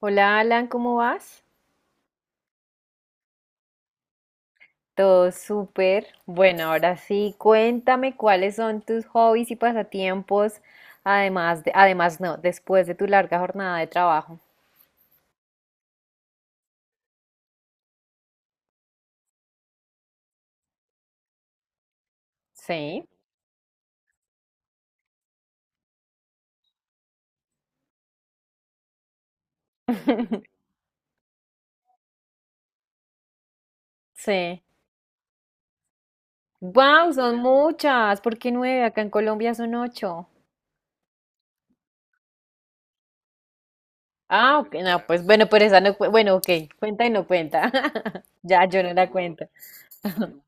Hola Alan, ¿cómo vas? Todo súper. Bueno, ahora sí, cuéntame cuáles son tus hobbies y pasatiempos, además de, además no, después de tu larga jornada de trabajo. Sí. Sí. Wow, son muchas. ¿Por qué nueve? Acá en Colombia son ocho. Ah, ok, no, pues bueno, pero esa no, bueno, ok, cuenta y no cuenta. Ya, yo no la cuento.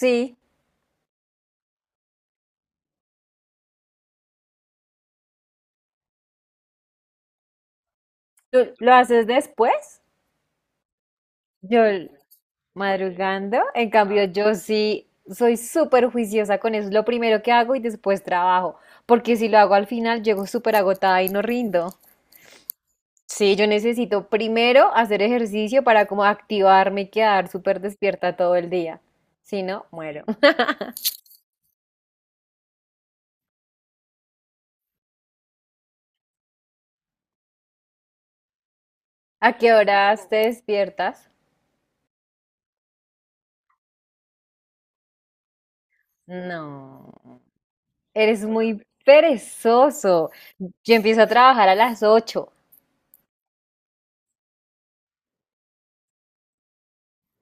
Sí. ¿Tú lo haces después? Yo, Madrugando, en cambio yo sí soy súper juiciosa con eso, es lo primero que hago y después trabajo, porque si lo hago al final llego súper agotada y no rindo. Sí, yo necesito primero hacer ejercicio para como activarme y quedar súper despierta todo el día, si no, muero. ¿A qué horas te despiertas? No, eres muy perezoso. Yo empiezo a trabajar a las 8.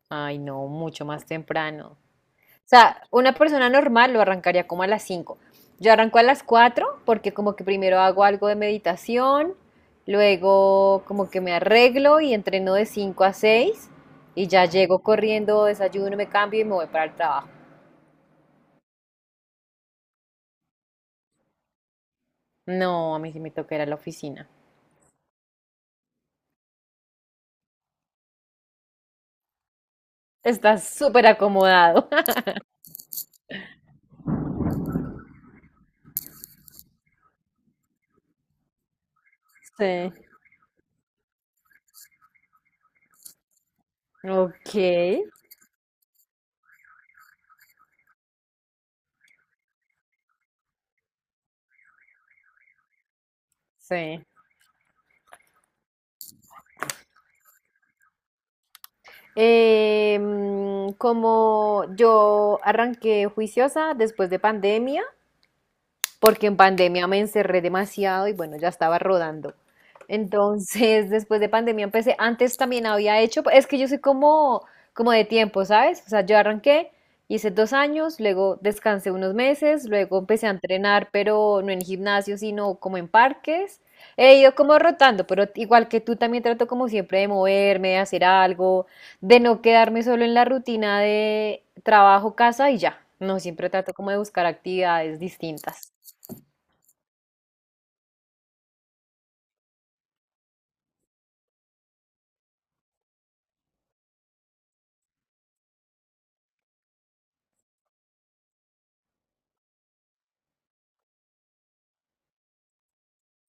Ay, no, mucho más temprano. Sea, una persona normal lo arrancaría como a las 5. Yo arranco a las 4 porque como que primero hago algo de meditación, luego como que me arreglo y entreno de 5 a 6 y ya llego corriendo, desayuno, me cambio y me voy para el trabajo. No, a mí sí me toca ir a la oficina. Estás súper acomodado. Sí. Ok, sí. Como yo arranqué juiciosa después de pandemia, porque en pandemia me encerré demasiado y bueno, ya estaba rodando. Entonces, después de pandemia empecé, antes también había hecho, es que yo soy como de tiempo, ¿sabes? O sea, yo arranqué, hice 2 años, luego descansé unos meses, luego empecé a entrenar, pero no en gimnasio, sino como en parques. He ido como rotando, pero igual que tú también trato como siempre de moverme, de hacer algo, de no quedarme solo en la rutina de trabajo, casa y ya. No, siempre trato como de buscar actividades distintas.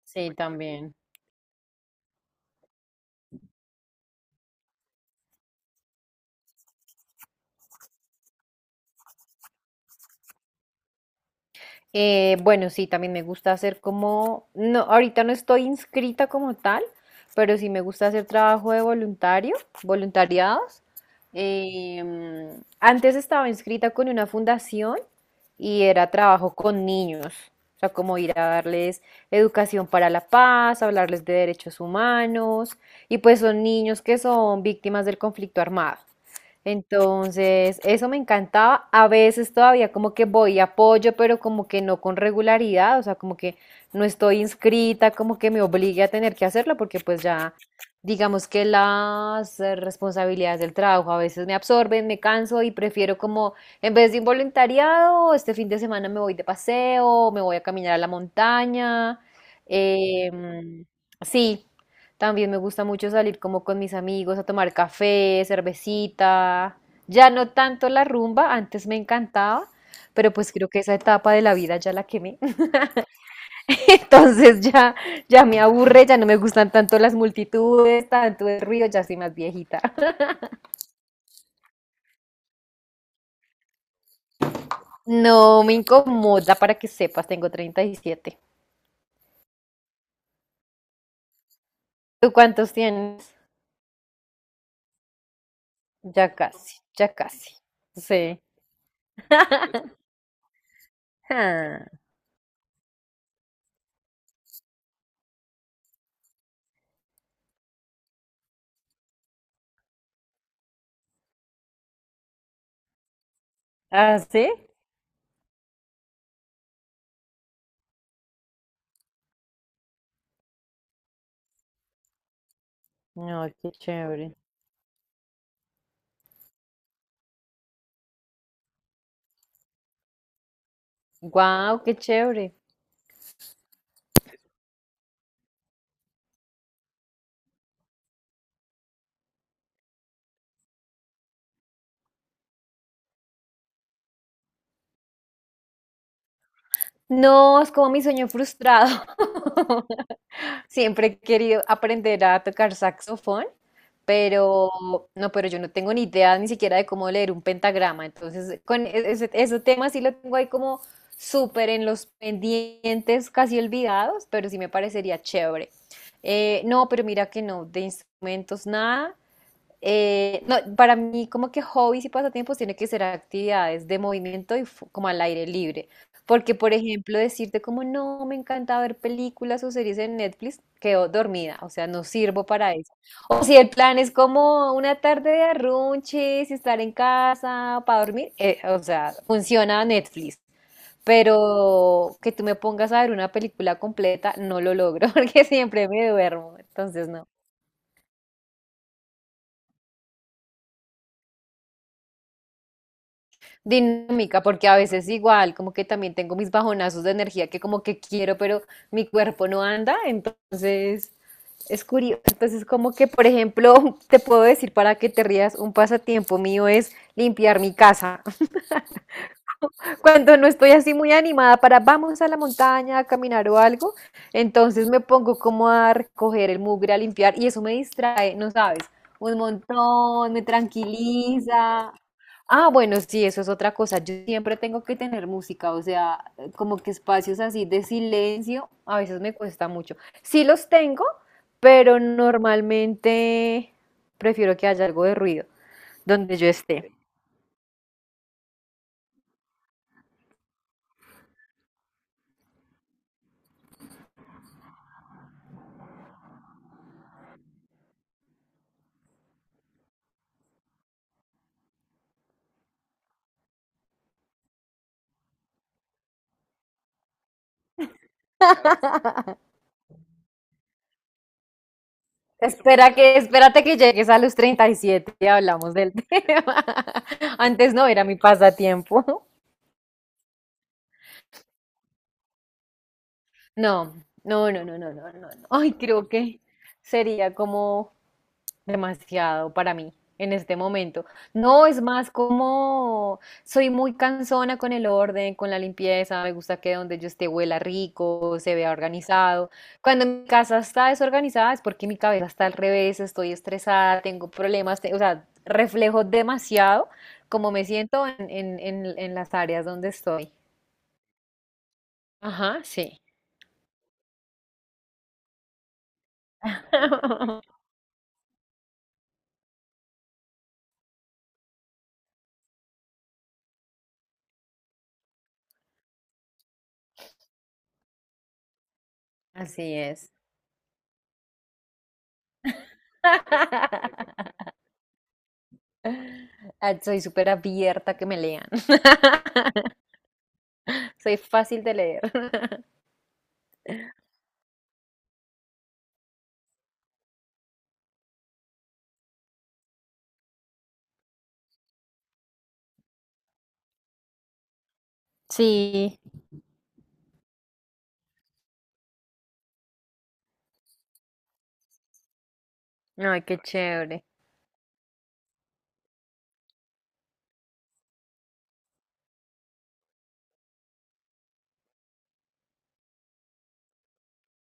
Sí, también. Bueno, sí, también me gusta hacer como, no, ahorita no estoy inscrita como tal, pero sí me gusta hacer trabajo de voluntario, voluntariados. Antes estaba inscrita con una fundación y era trabajo con niños, o sea, como ir a darles educación para la paz, hablarles de derechos humanos, y pues son niños que son víctimas del conflicto armado. Entonces, eso me encantaba. A veces todavía como que voy y apoyo, pero como que no con regularidad, o sea, como que no estoy inscrita, como que me obligue a tener que hacerlo, porque pues ya, digamos que las responsabilidades del trabajo a veces me absorben, me canso y prefiero como, en vez de un voluntariado, este fin de semana me voy de paseo, me voy a caminar a la montaña. em, sí. También me gusta mucho salir como con mis amigos a tomar café, cervecita. Ya no tanto la rumba, antes me encantaba, pero pues creo que esa etapa de la vida ya la quemé. Entonces ya me aburre, ya no me gustan tanto las multitudes, tanto el ruido, ya soy más viejita. No me incomoda para que sepas, tengo 37. ¿Tú cuántos tienes? Ya casi, ya casi. Sí. Ah, ¿ah, sí? No, qué chévere. Wow, qué chévere. No, es como mi sueño frustrado. Siempre he querido aprender a tocar saxofón, pero no, pero yo no tengo ni idea ni siquiera de cómo leer un pentagrama. Entonces, con ese tema sí lo tengo ahí como súper en los pendientes, casi olvidados, pero sí me parecería chévere. No, pero mira que no, de instrumentos nada. No, para mí como que hobbies y pasatiempos tiene que ser actividades de movimiento y como al aire libre. Porque, por ejemplo, decirte como no, me encanta ver películas o series en Netflix, quedo dormida, o sea, no sirvo para eso. O si el plan es como una tarde de arrunches y estar en casa para dormir, o sea, funciona Netflix. Pero que tú me pongas a ver una película completa, no lo logro porque siempre me duermo, entonces no. Dinámica, porque a veces igual, como que también tengo mis bajonazos de energía que como que quiero, pero mi cuerpo no anda, entonces es curioso. Entonces, como que, por ejemplo, te puedo decir para que te rías, un pasatiempo mío es limpiar mi casa cuando no estoy así muy animada para vamos a la montaña a caminar o algo, entonces me pongo como a recoger el mugre, a limpiar y eso me distrae, no sabes, un montón, me tranquiliza. Ah, bueno, sí, eso es otra cosa. Yo siempre tengo que tener música, o sea, como que espacios así de silencio, a veces me cuesta mucho. Sí los tengo, pero normalmente prefiero que haya algo de ruido donde yo esté. Espérate que llegues a los 37 y hablamos del tema. Antes no era mi pasatiempo. No, no, no, no, no, no, no. No. Ay, creo que sería como demasiado para mí en este momento. No, es más como soy muy cansona con el orden, con la limpieza, me gusta que donde yo esté huela rico, se vea organizado. Cuando mi casa está desorganizada es porque mi cabeza está al revés, estoy estresada, tengo problemas, o sea, reflejo demasiado como me siento en, las áreas donde estoy. Ajá, sí. Así es. Ah, soy súper abierta a que me lean. Soy fácil de leer. Sí, ay, qué chévere.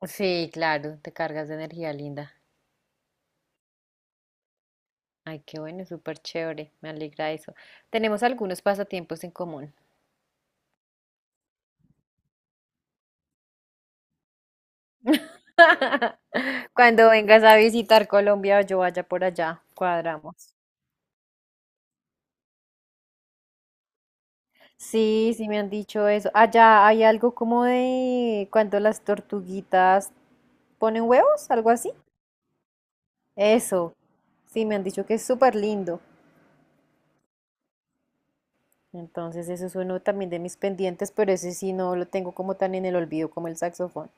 Sí, claro, te cargas de energía linda. Ay, qué bueno, súper chévere. Me alegra eso. Tenemos algunos pasatiempos en común. Cuando vengas a visitar Colombia yo vaya por allá, cuadramos. Sí, sí me han dicho eso. Allá hay algo como de cuando las tortuguitas ponen huevos, algo así. Eso, sí, me han dicho que es súper lindo. Entonces, eso es uno también de mis pendientes, pero ese sí no lo tengo como tan en el olvido como el saxofón.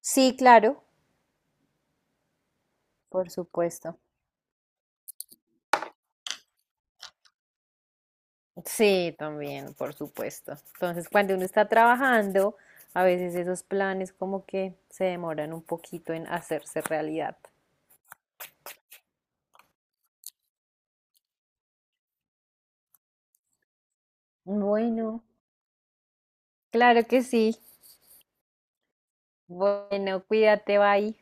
Sí, claro, por supuesto. Sí, también, por supuesto. Entonces, cuando uno está trabajando, a veces esos planes como que se demoran un poquito en hacerse realidad. Bueno, claro que sí. Bueno, cuídate, bye.